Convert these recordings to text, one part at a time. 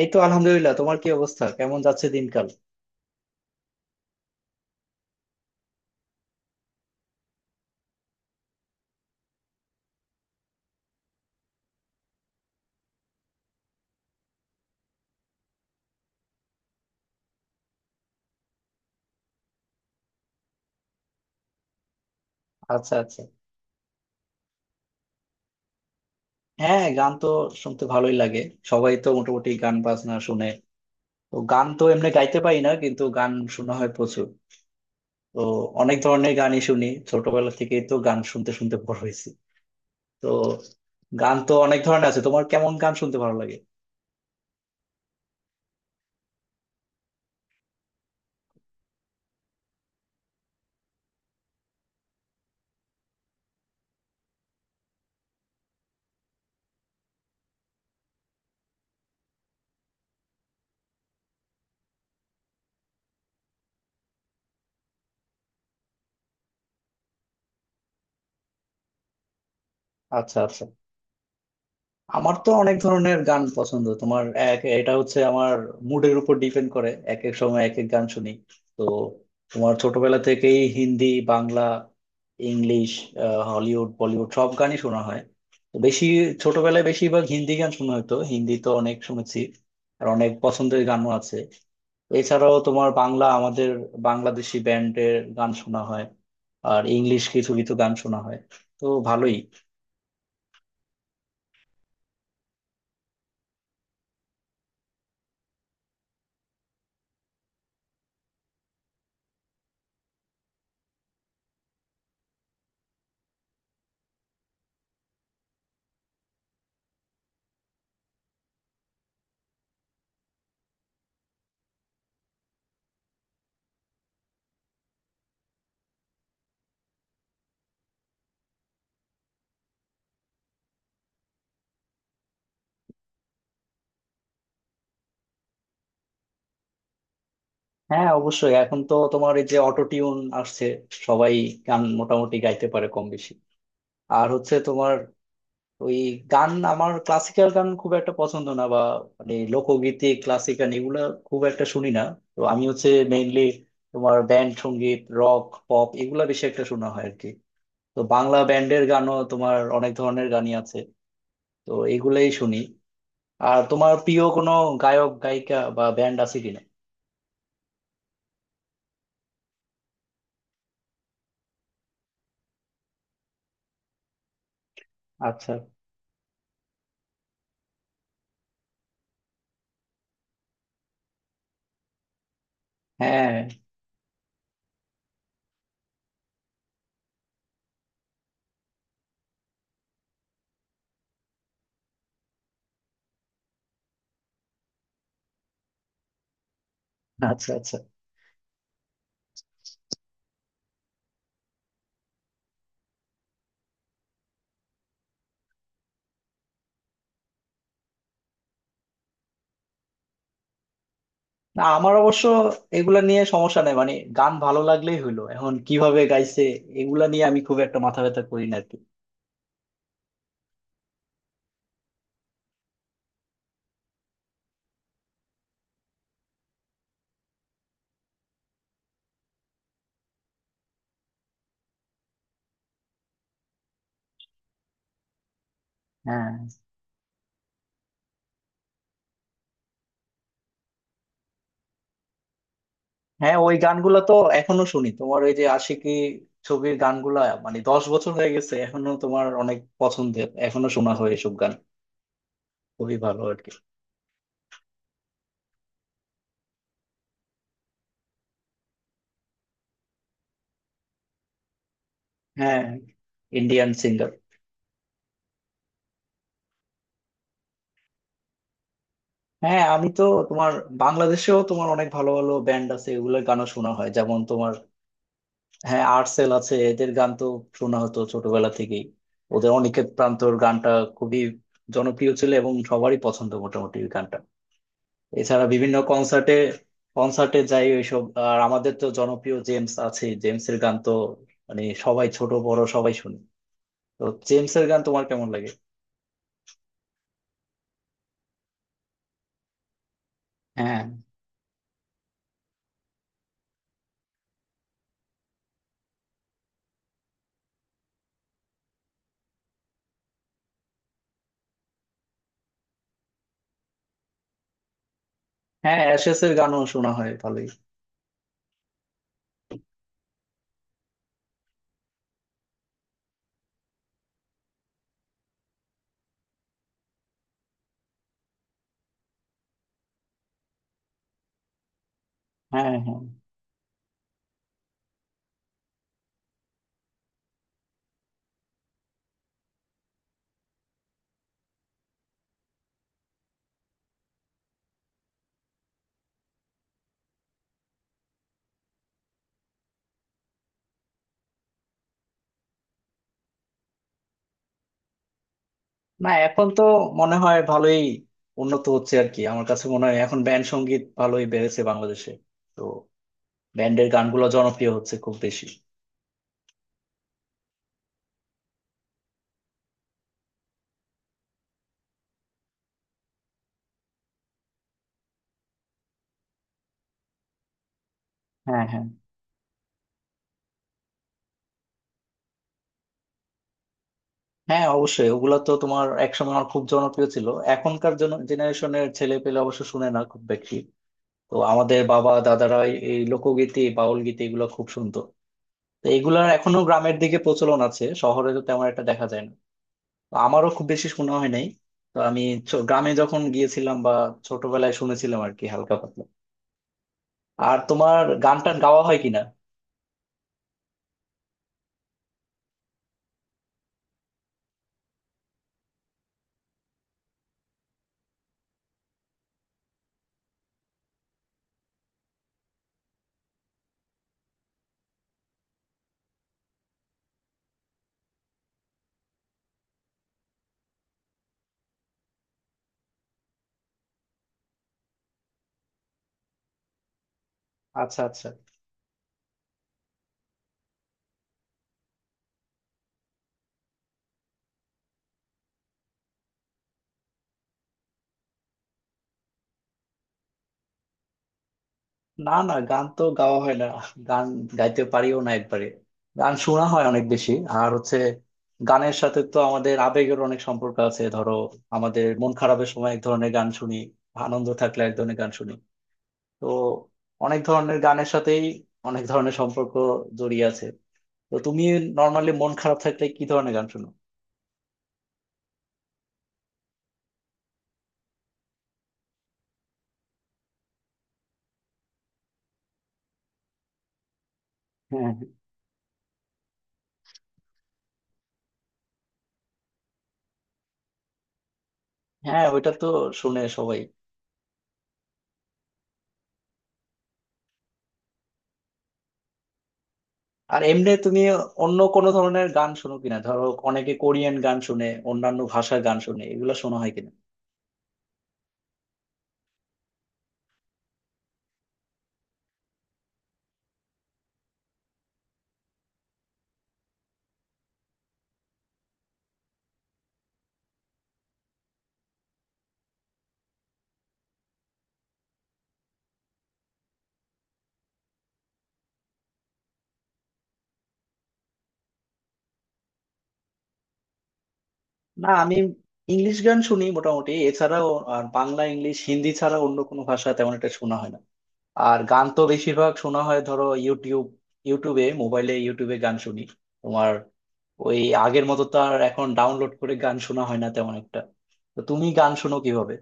এই তো আলহামদুলিল্লাহ। তোমার কি অবস্থা, কেমন যাচ্ছে দিনকাল? আচ্ছা আচ্ছা। হ্যাঁ, গান তো শুনতে ভালোই লাগে। সবাই তো মোটামুটি গান বাজনা শুনে। তো গান তো এমনি গাইতে পারি না, কিন্তু গান শোনা হয় প্রচুর। তো অনেক ধরনের গানই শুনি, ছোটবেলা থেকেই তো গান শুনতে শুনতে বড় হয়েছি। তো গান তো অনেক ধরনের আছে, তোমার কেমন গান শুনতে ভালো লাগে? আচ্ছা আচ্ছা। আমার তো অনেক ধরনের গান পছন্দ। তোমার এটা হচ্ছে আমার মুডের উপর ডিপেন্ড করে, এক এক সময় এক এক গান শুনি। তো তোমার ছোটবেলা থেকেই Hindi, Bangla, English, Hollywood Bollywood সব গানই শোনা হয়। তো বেশি ছোটবেলায় বেশিরভাগ হিন্দি গান শোনা হতো, হিন্দি তো অনেক শুনেছি। আর অনেক পছন্দের গানও আছে। এছাড়াও তোমার বাংলা আমাদের বাংলাদেশি ব্যান্ডের গান শোনা হয়, আর ইংলিশ কিছু কিছু গান শোনা হয়। তো ভালোই। হ্যাঁ অবশ্যই, এখন তো তোমার এই যে অটো টিউন আসছে, সবাই গান মোটামুটি গাইতে পারে কম বেশি। আর হচ্ছে তোমার ওই গান, আমার ক্লাসিক্যাল গান খুব একটা পছন্দ না, বা মানে লোকগীতি ক্লাসিক্যাল এগুলো খুব একটা শুনি না। তো আমি হচ্ছে মেইনলি তোমার ব্যান্ড সঙ্গীত, রক, পপ এগুলা বেশি একটা শোনা হয় আর কি। তো বাংলা ব্যান্ডের গানও তোমার অনেক ধরনের গানই আছে, তো এগুলাই শুনি। আর তোমার প্রিয় কোনো গায়ক গায়িকা বা ব্যান্ড আছে কিনা? আচ্ছা। হ্যাঁ। আচ্ছা আচ্ছা। না, আমার অবশ্য এগুলা নিয়ে সমস্যা নাই, মানে গান ভালো লাগলেই হলো, এখন কিভাবে গাইছে এগুলা নিয়ে আমি খুব একটা মাথা ব্যথা করি না আর কি। হ্যাঁ হ্যাঁ, ওই গানগুলা তো এখনো শুনি তোমার ওই যে আশিকি ছবির গানগুলা, মানে 10 বছর হয়ে গেছে, এখনো তোমার অনেক পছন্দের, এখনো শোনা হয় এসব গান। খুবই ভালো আর কি। হ্যাঁ, ইন্ডিয়ান সিঙ্গার। হ্যাঁ, আমি তো তোমার বাংলাদেশেও তোমার অনেক ভালো ভালো ব্যান্ড আছে, এগুলোর গানও শোনা হয়, যেমন তোমার। হ্যাঁ, আর্টসেল আছে, এদের গান তো শোনা হতো ছোটবেলা থেকেই। ওদের অনিকেত প্রান্তর গানটা খুবই জনপ্রিয় ছিল, এবং সবারই পছন্দ মোটামুটি ওই গানটা। এছাড়া বিভিন্ন কনসার্টে, যাই ওইসব। আর আমাদের তো জনপ্রিয় জেমস আছে, জেমসের গান তো মানে সবাই, ছোট বড় সবাই শুনি। তো জেমসের গান তোমার কেমন লাগে? হ্যাঁ হ্যাঁ, অ্যাশেস এর গানও শোনা হয় ভালোই। হ্যাঁ হ্যাঁ। না, এখন তো মনে হয় ভালোই উন্নত হচ্ছে আর কি। আমার কাছে মনে হয় এখন ব্যান্ড সঙ্গীত ভালোই বেড়েছে বাংলাদেশে। তো ব্যান্ডের গানগুলো জনপ্রিয় হচ্ছে খুব বেশি। হ্যাঁ হ্যাঁ। হ্যাঁ অবশ্যই, ওগুলা তো তোমার একসময় আমার খুব জনপ্রিয় ছিল। এখনকার জেনারেশনের ছেলে পেলে অবশ্য শুনে না খুব বেশি। তো আমাদের বাবা দাদারা এই এই লোকগীতি বাউল গীতি এগুলো খুব শুনতো। তো এগুলার এখনো গ্রামের দিকে প্রচলন আছে, শহরে তো তেমন একটা দেখা যায় না। তো আমারও খুব বেশি শোনা হয় নাই। তো আমি গ্রামে যখন গিয়েছিলাম বা ছোটবেলায় শুনেছিলাম আর কি, হালকা পাতলা। আর তোমার গান টান গাওয়া হয় কিনা? আচ্ছা আচ্ছা। না না গান তো গাওয়া হয় না, গান গাইতে পারিও না একবারে। গান শোনা হয় অনেক বেশি। আর হচ্ছে গানের সাথে তো আমাদের আবেগের অনেক সম্পর্ক আছে, ধরো আমাদের মন খারাপের সময় এক ধরনের গান শুনি, আনন্দ থাকলে এক ধরনের গান শুনি। তো অনেক ধরনের গানের সাথেই অনেক ধরনের সম্পর্ক জড়িয়ে আছে। তো তুমি নর্মালি মন খারাপ থাকলে কি ধরনের গান শোনো? হ্যাঁ হ্যাঁ, ওইটা তো শুনে সবাই। আর এমনি তুমি অন্য কোনো ধরনের গান শোনো কিনা, ধরো অনেকে কোরিয়ান গান শুনে, অন্যান্য ভাষার গান শুনে, এগুলো শোনা হয় কিনা? না, আমি ইংলিশ গান শুনি মোটামুটি। এছাড়াও আর বাংলা ইংলিশ হিন্দি ছাড়া অন্য কোনো ভাষা তেমন একটা শোনা হয় না। আর গান তো বেশিরভাগ শোনা হয় ধরো ইউটিউব, মোবাইলে ইউটিউবে গান শুনি তোমার ওই। আগের মতো তো আর এখন ডাউনলোড করে গান শোনা হয় না তেমন একটা। তো তুমি গান শোনো কিভাবে?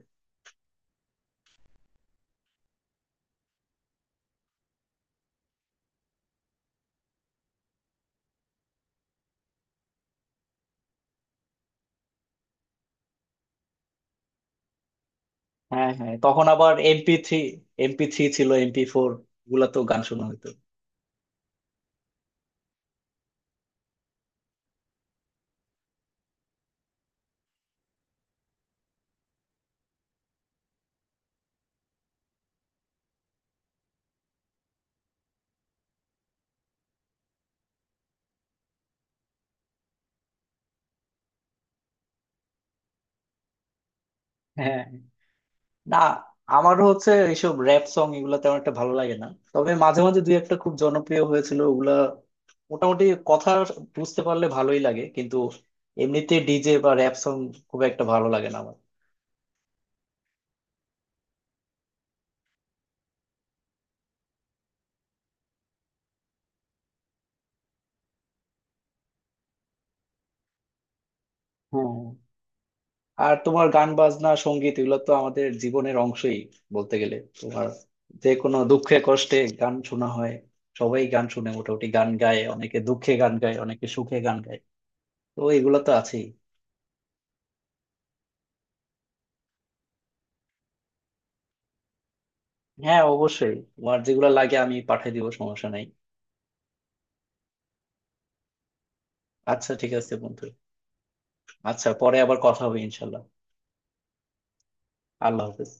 হ্যাঁ হ্যাঁ, তখন আবার MP3, MP3 ছিল, MP4, এগুলা তো গান শোনা হতো। হ্যাঁ। না, আমারও হচ্ছে এইসব র্যাপ সং এগুলা তেমন একটা ভালো লাগে না। তবে মাঝে মাঝে দুই একটা খুব জনপ্রিয় হয়েছিল ওগুলা, মোটামুটি কথা বুঝতে পারলে ভালোই লাগে। কিন্তু এমনিতে ডিজে বা র্যাপ সং খুব একটা ভালো লাগে না আমার। হ্যাঁ। আর তোমার গান বাজনা সঙ্গীত এগুলো তো আমাদের জীবনের অংশই বলতে গেলে। তোমার যে কোনো দুঃখে কষ্টে গান শোনা হয়। সবাই গান শুনে মোটামুটি, গান গায় অনেকে, দুঃখে গান গায়, অনেকে সুখে গান গায়। তো এগুলো তো আছেই। হ্যাঁ অবশ্যই, তোমার যেগুলো লাগে আমি পাঠিয়ে দিব, সমস্যা নাই। আচ্ছা ঠিক আছে বন্ধু। আচ্ছা, পরে আবার কথা হবে ইনশাল্লাহ। আল্লাহ হাফেজ।